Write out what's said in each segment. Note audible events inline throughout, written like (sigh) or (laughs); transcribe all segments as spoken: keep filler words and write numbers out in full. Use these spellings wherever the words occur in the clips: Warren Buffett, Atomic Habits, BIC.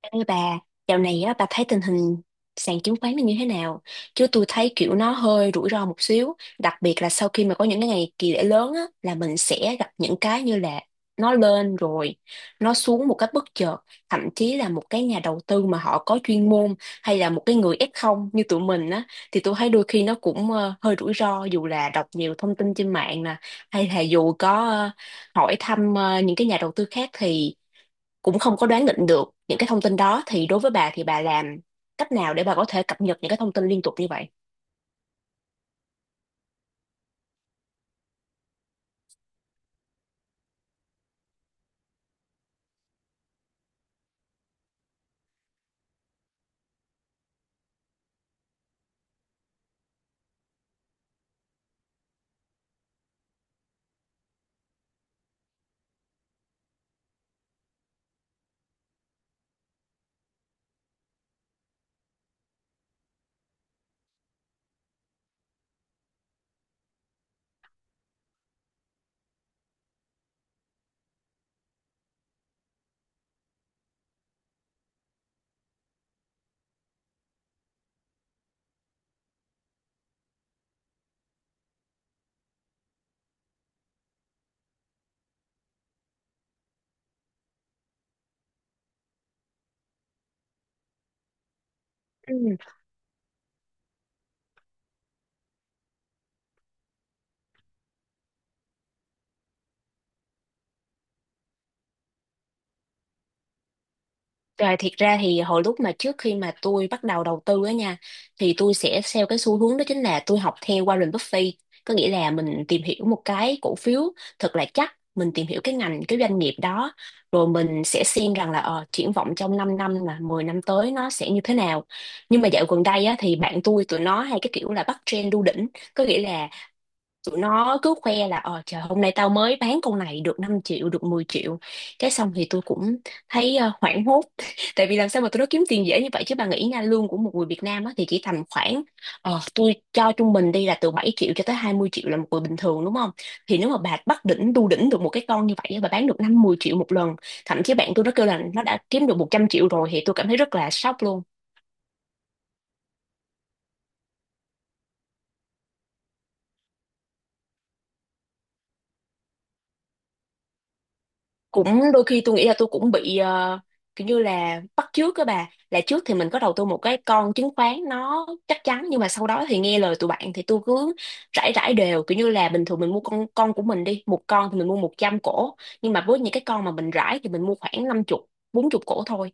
Ê bà, dạo này á, bà thấy tình hình sàn chứng khoán nó như thế nào? Chứ tôi thấy kiểu nó hơi rủi ro một xíu, đặc biệt là sau khi mà có những cái ngày kỳ lễ lớn á, là mình sẽ gặp những cái như là nó lên rồi, nó xuống một cách bất chợt, thậm chí là một cái nhà đầu tư mà họ có chuyên môn hay là một cái người ép không như tụi mình á, thì tôi thấy đôi khi nó cũng ờ, hơi rủi ro dù là đọc nhiều thông tin trên mạng nè, hay là dù có ờ, hỏi thăm ờ, những cái nhà đầu tư khác thì cũng không có đoán định được những cái thông tin đó. Thì đối với bà thì bà làm cách nào để bà có thể cập nhật những cái thông tin liên tục như vậy? Ừ. Rồi thiệt ra thì hồi lúc mà trước khi mà tôi bắt đầu đầu tư á nha, thì tôi sẽ theo cái xu hướng đó, chính là tôi học theo Warren Buffett, có nghĩa là mình tìm hiểu một cái cổ phiếu thật là chắc, mình tìm hiểu cái ngành, cái doanh nghiệp đó, rồi mình sẽ xem rằng là ờ, triển vọng trong 5 năm là mười năm tới nó sẽ như thế nào. Nhưng mà dạo gần đây á, thì bạn tôi tụi nó hay cái kiểu là bắt trend đu đỉnh, có nghĩa là tụi nó cứ khoe là ờ trời, hôm nay tao mới bán con này được năm triệu, được mười triệu. Cái xong thì tôi cũng thấy ờ, hoảng hốt (laughs) tại vì làm sao mà tụi nó kiếm tiền dễ như vậy chứ. Bà nghĩ nha, lương của một người Việt Nam á, thì chỉ tầm khoảng ờ, tôi cho trung bình đi là từ bảy triệu cho tới hai mươi triệu là một người bình thường, đúng không? Thì nếu mà bà bắt đỉnh đu đỉnh được một cái con như vậy á, bà bán được năm mười triệu một lần, thậm chí bạn tôi nó kêu là nó đã kiếm được một trăm triệu rồi, thì tôi cảm thấy rất là sốc luôn. Cũng đôi khi tôi nghĩ là tôi cũng bị ờ, kiểu như là bắt chước các bà, là trước thì mình có đầu tư một cái con chứng khoán nó chắc chắn, nhưng mà sau đó thì nghe lời tụi bạn thì tôi cứ rải, rải đều, kiểu như là bình thường mình mua con con của mình đi, một con thì mình mua một trăm cổ, nhưng mà với những cái con mà mình rải thì mình mua khoảng năm chục, bốn chục cổ thôi.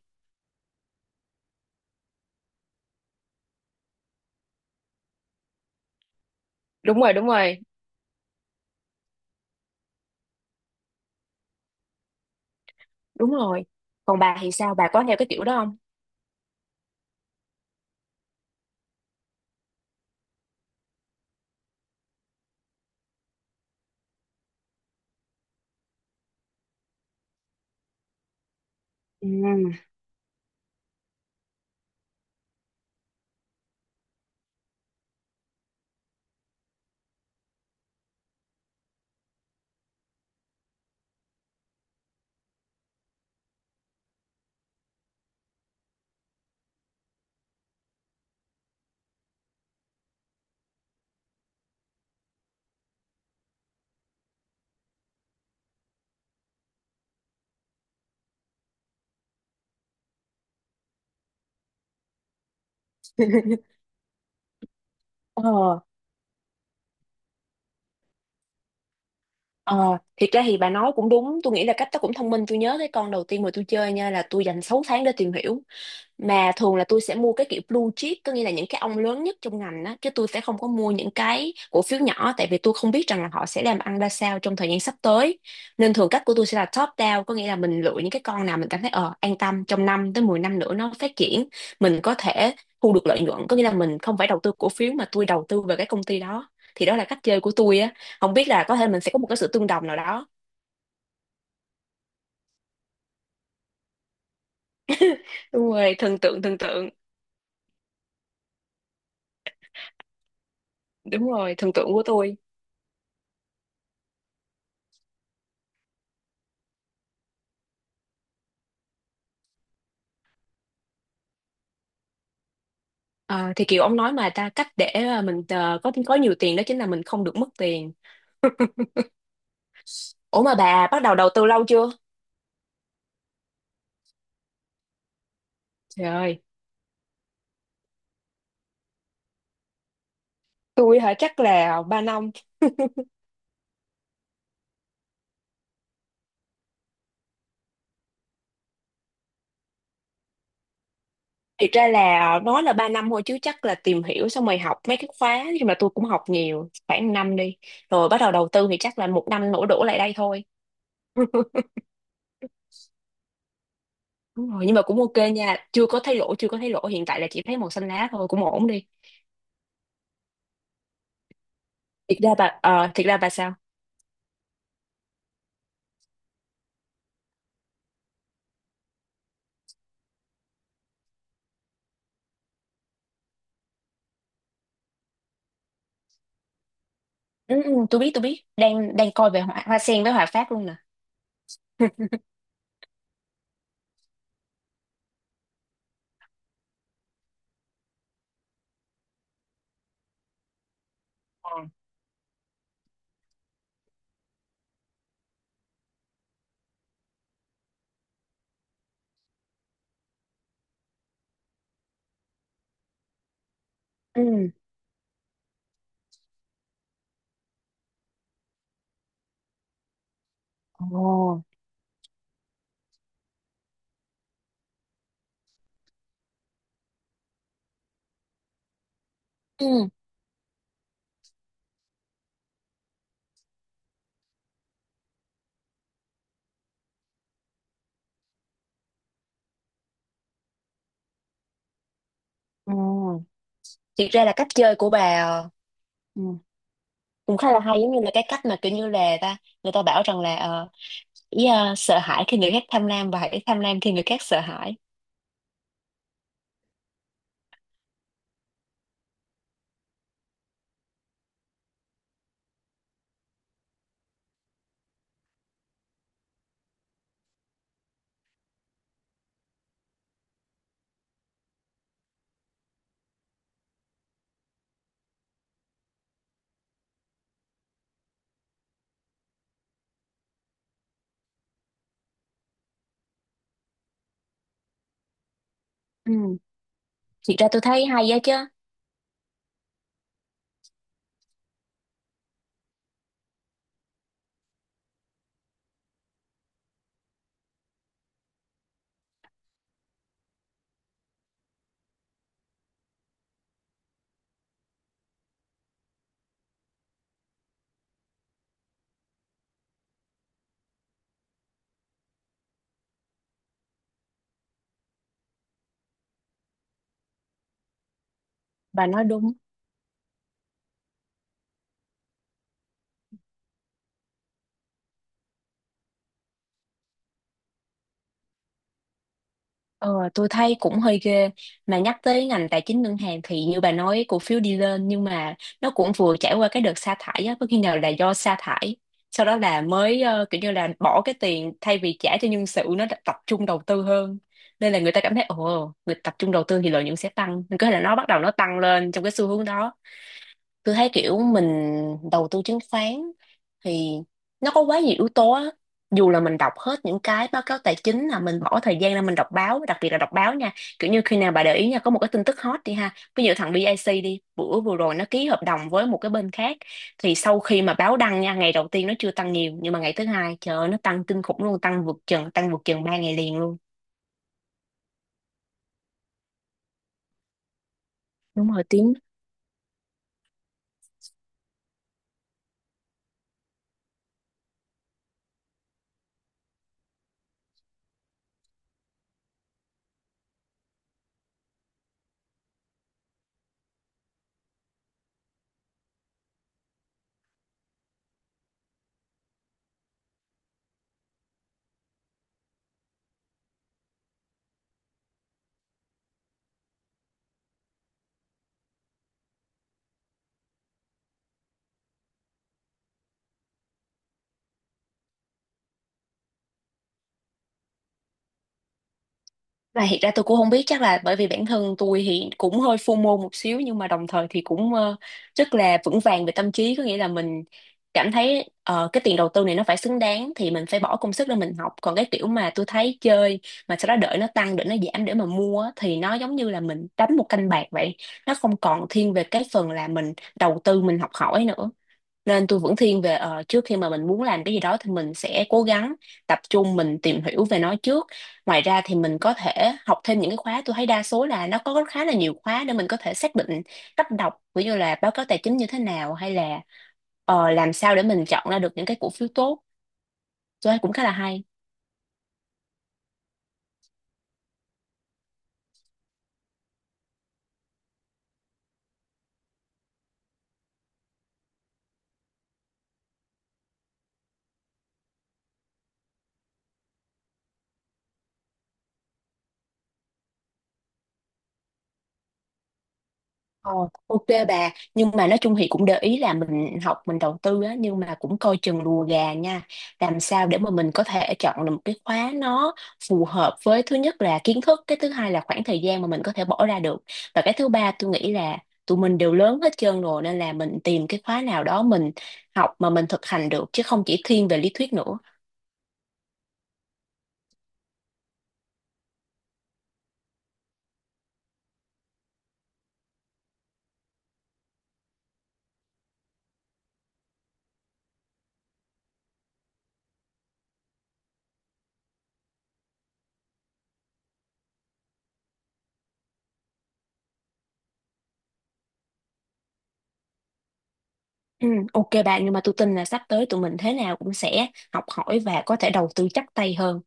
Đúng rồi, đúng rồi, đúng rồi. Còn bà thì sao, bà có theo cái kiểu đó không? Ừ. Ờ, ờ, thiệt ra thì bà nói cũng đúng. Tôi nghĩ là cách đó cũng thông minh. Tôi nhớ cái con đầu tiên mà tôi chơi nha, là tôi dành sáu tháng để tìm hiểu, mà thường là tôi sẽ mua cái kiểu blue chip, có nghĩa là những cái ông lớn nhất trong ngành á, chứ tôi sẽ không có mua những cái cổ phiếu nhỏ, tại vì tôi không biết rằng là họ sẽ làm ăn ra sao trong thời gian sắp tới. Nên thường cách của tôi sẽ là top down, có nghĩa là mình lựa những cái con nào mình cảm thấy ờ an tâm trong năm tới mười năm nữa nó phát triển, mình có thể thu được lợi nhuận, có nghĩa là mình không phải đầu tư cổ phiếu, mà tôi đầu tư về cái công ty đó. Thì đó là cách chơi của tôi á, không biết là có thể mình sẽ có một cái sự tương đồng nào đó. Đúng rồi, thần tượng, thần tượng. Đúng rồi, thần tượng của tôi. Ờ, thì kiểu ông nói mà ta, cách để ờ, mình ờ, có có nhiều tiền đó chính là mình không được mất tiền. Ủa mà bà bắt đầu đầu tư lâu chưa? Trời ơi, tôi hả, chắc là ba năm. Thiệt ra là nói là ba năm thôi chứ chắc là tìm hiểu xong rồi học mấy cái khóa, nhưng mà tôi cũng học nhiều, khoảng năm đi. Rồi bắt đầu đầu tư thì chắc là một năm nổ đổ lại đây thôi. (laughs) Đúng rồi, nhưng mà cũng ok nha, chưa có thấy lỗ, chưa có thấy lỗ, hiện tại là chỉ thấy màu xanh lá thôi, cũng ổn đi. Thiệt ra bà ờ, thiệt ra bà sao? Ừ, ừ, tôi biết tôi biết, đang đang coi về hoa, hoa sen với hòa phát luôn nè. (laughs) Ừ. Ồ. Ừ. Ồ. Thiệt ra là cách chơi của bà ờ, ừ, cũng khá là hay, giống như là cái cách mà kiểu như là ta người ta bảo rằng là ờ, ý ờ, sợ hãi khi người khác tham lam và hãy tham lam khi người khác sợ hãi. Ừ. Thiệt ra tôi thấy hay á chứ. Bà nói đúng. Ờ, tôi thấy cũng hơi ghê, mà nhắc tới ngành tài chính ngân hàng thì như bà nói cổ phiếu đi lên, nhưng mà nó cũng vừa trải qua cái đợt sa thải á, có khi nào là do sa thải, sau đó là mới ờ, kiểu như là bỏ cái tiền thay vì trả cho nhân sự, nó đã tập trung đầu tư hơn, nên là người ta cảm thấy ồ, người tập trung đầu tư thì lợi nhuận sẽ tăng, nên có thể là nó bắt đầu nó tăng lên trong cái xu hướng đó. Tôi thấy kiểu mình đầu tư chứng khoán thì nó có quá nhiều yếu tố á, dù là mình đọc hết những cái báo cáo tài chính, là mình bỏ thời gian ra mình đọc báo, đặc biệt là đọc báo nha. Kiểu như khi nào bà để ý nha, có một cái tin tức hot đi ha, ví dụ thằng bi ai xi đi, bữa vừa rồi nó ký hợp đồng với một cái bên khác, thì sau khi mà báo đăng nha, ngày đầu tiên nó chưa tăng nhiều, nhưng mà ngày thứ hai trời ơi, nó tăng kinh khủng luôn, tăng vượt chừng tăng vượt chừng ba ngày liền luôn. Đúng rồi, tiếng. Và hiện ra tôi cũng không biết, chắc là bởi vì bản thân tôi thì cũng hơi phô mô một xíu, nhưng mà đồng thời thì cũng ờ, rất là vững vàng về tâm trí, có nghĩa là mình cảm thấy ờ, cái tiền đầu tư này nó phải xứng đáng thì mình phải bỏ công sức để mình học. Còn cái kiểu mà tôi thấy chơi mà sau đó đợi nó tăng đợi nó giảm để mà mua á, thì nó giống như là mình đánh một canh bạc vậy, nó không còn thiên về cái phần là mình đầu tư mình học hỏi nữa. Nên tôi vẫn thiên về ờ, trước khi mà mình muốn làm cái gì đó thì mình sẽ cố gắng tập trung mình tìm hiểu về nó trước. Ngoài ra thì mình có thể học thêm những cái khóa, tôi thấy đa số là nó có khá là nhiều khóa để mình có thể xác định cách đọc ví dụ là báo cáo tài chính như thế nào, hay là ờ, làm sao để mình chọn ra được những cái cổ phiếu tốt, tôi thấy cũng khá là hay. Ờ, ok bà, nhưng mà nói chung thì cũng để ý là mình học mình đầu tư á, nhưng mà cũng coi chừng lùa gà nha. Làm sao để mà mình có thể chọn được một cái khóa nó phù hợp với thứ nhất là kiến thức, cái thứ hai là khoảng thời gian mà mình có thể bỏ ra được, và cái thứ ba tôi nghĩ là tụi mình đều lớn hết trơn rồi, nên là mình tìm cái khóa nào đó mình học mà mình thực hành được, chứ không chỉ thiên về lý thuyết nữa. Ừ, ok bạn, nhưng mà tôi tin là sắp tới tụi mình thế nào cũng sẽ học hỏi và có thể đầu tư chắc tay hơn.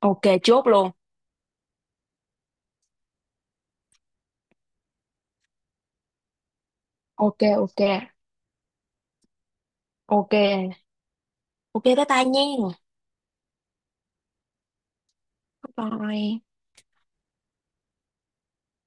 Ok, chốt luôn. Ok. Ok. Ok, ok bye bye nha. Bye bye.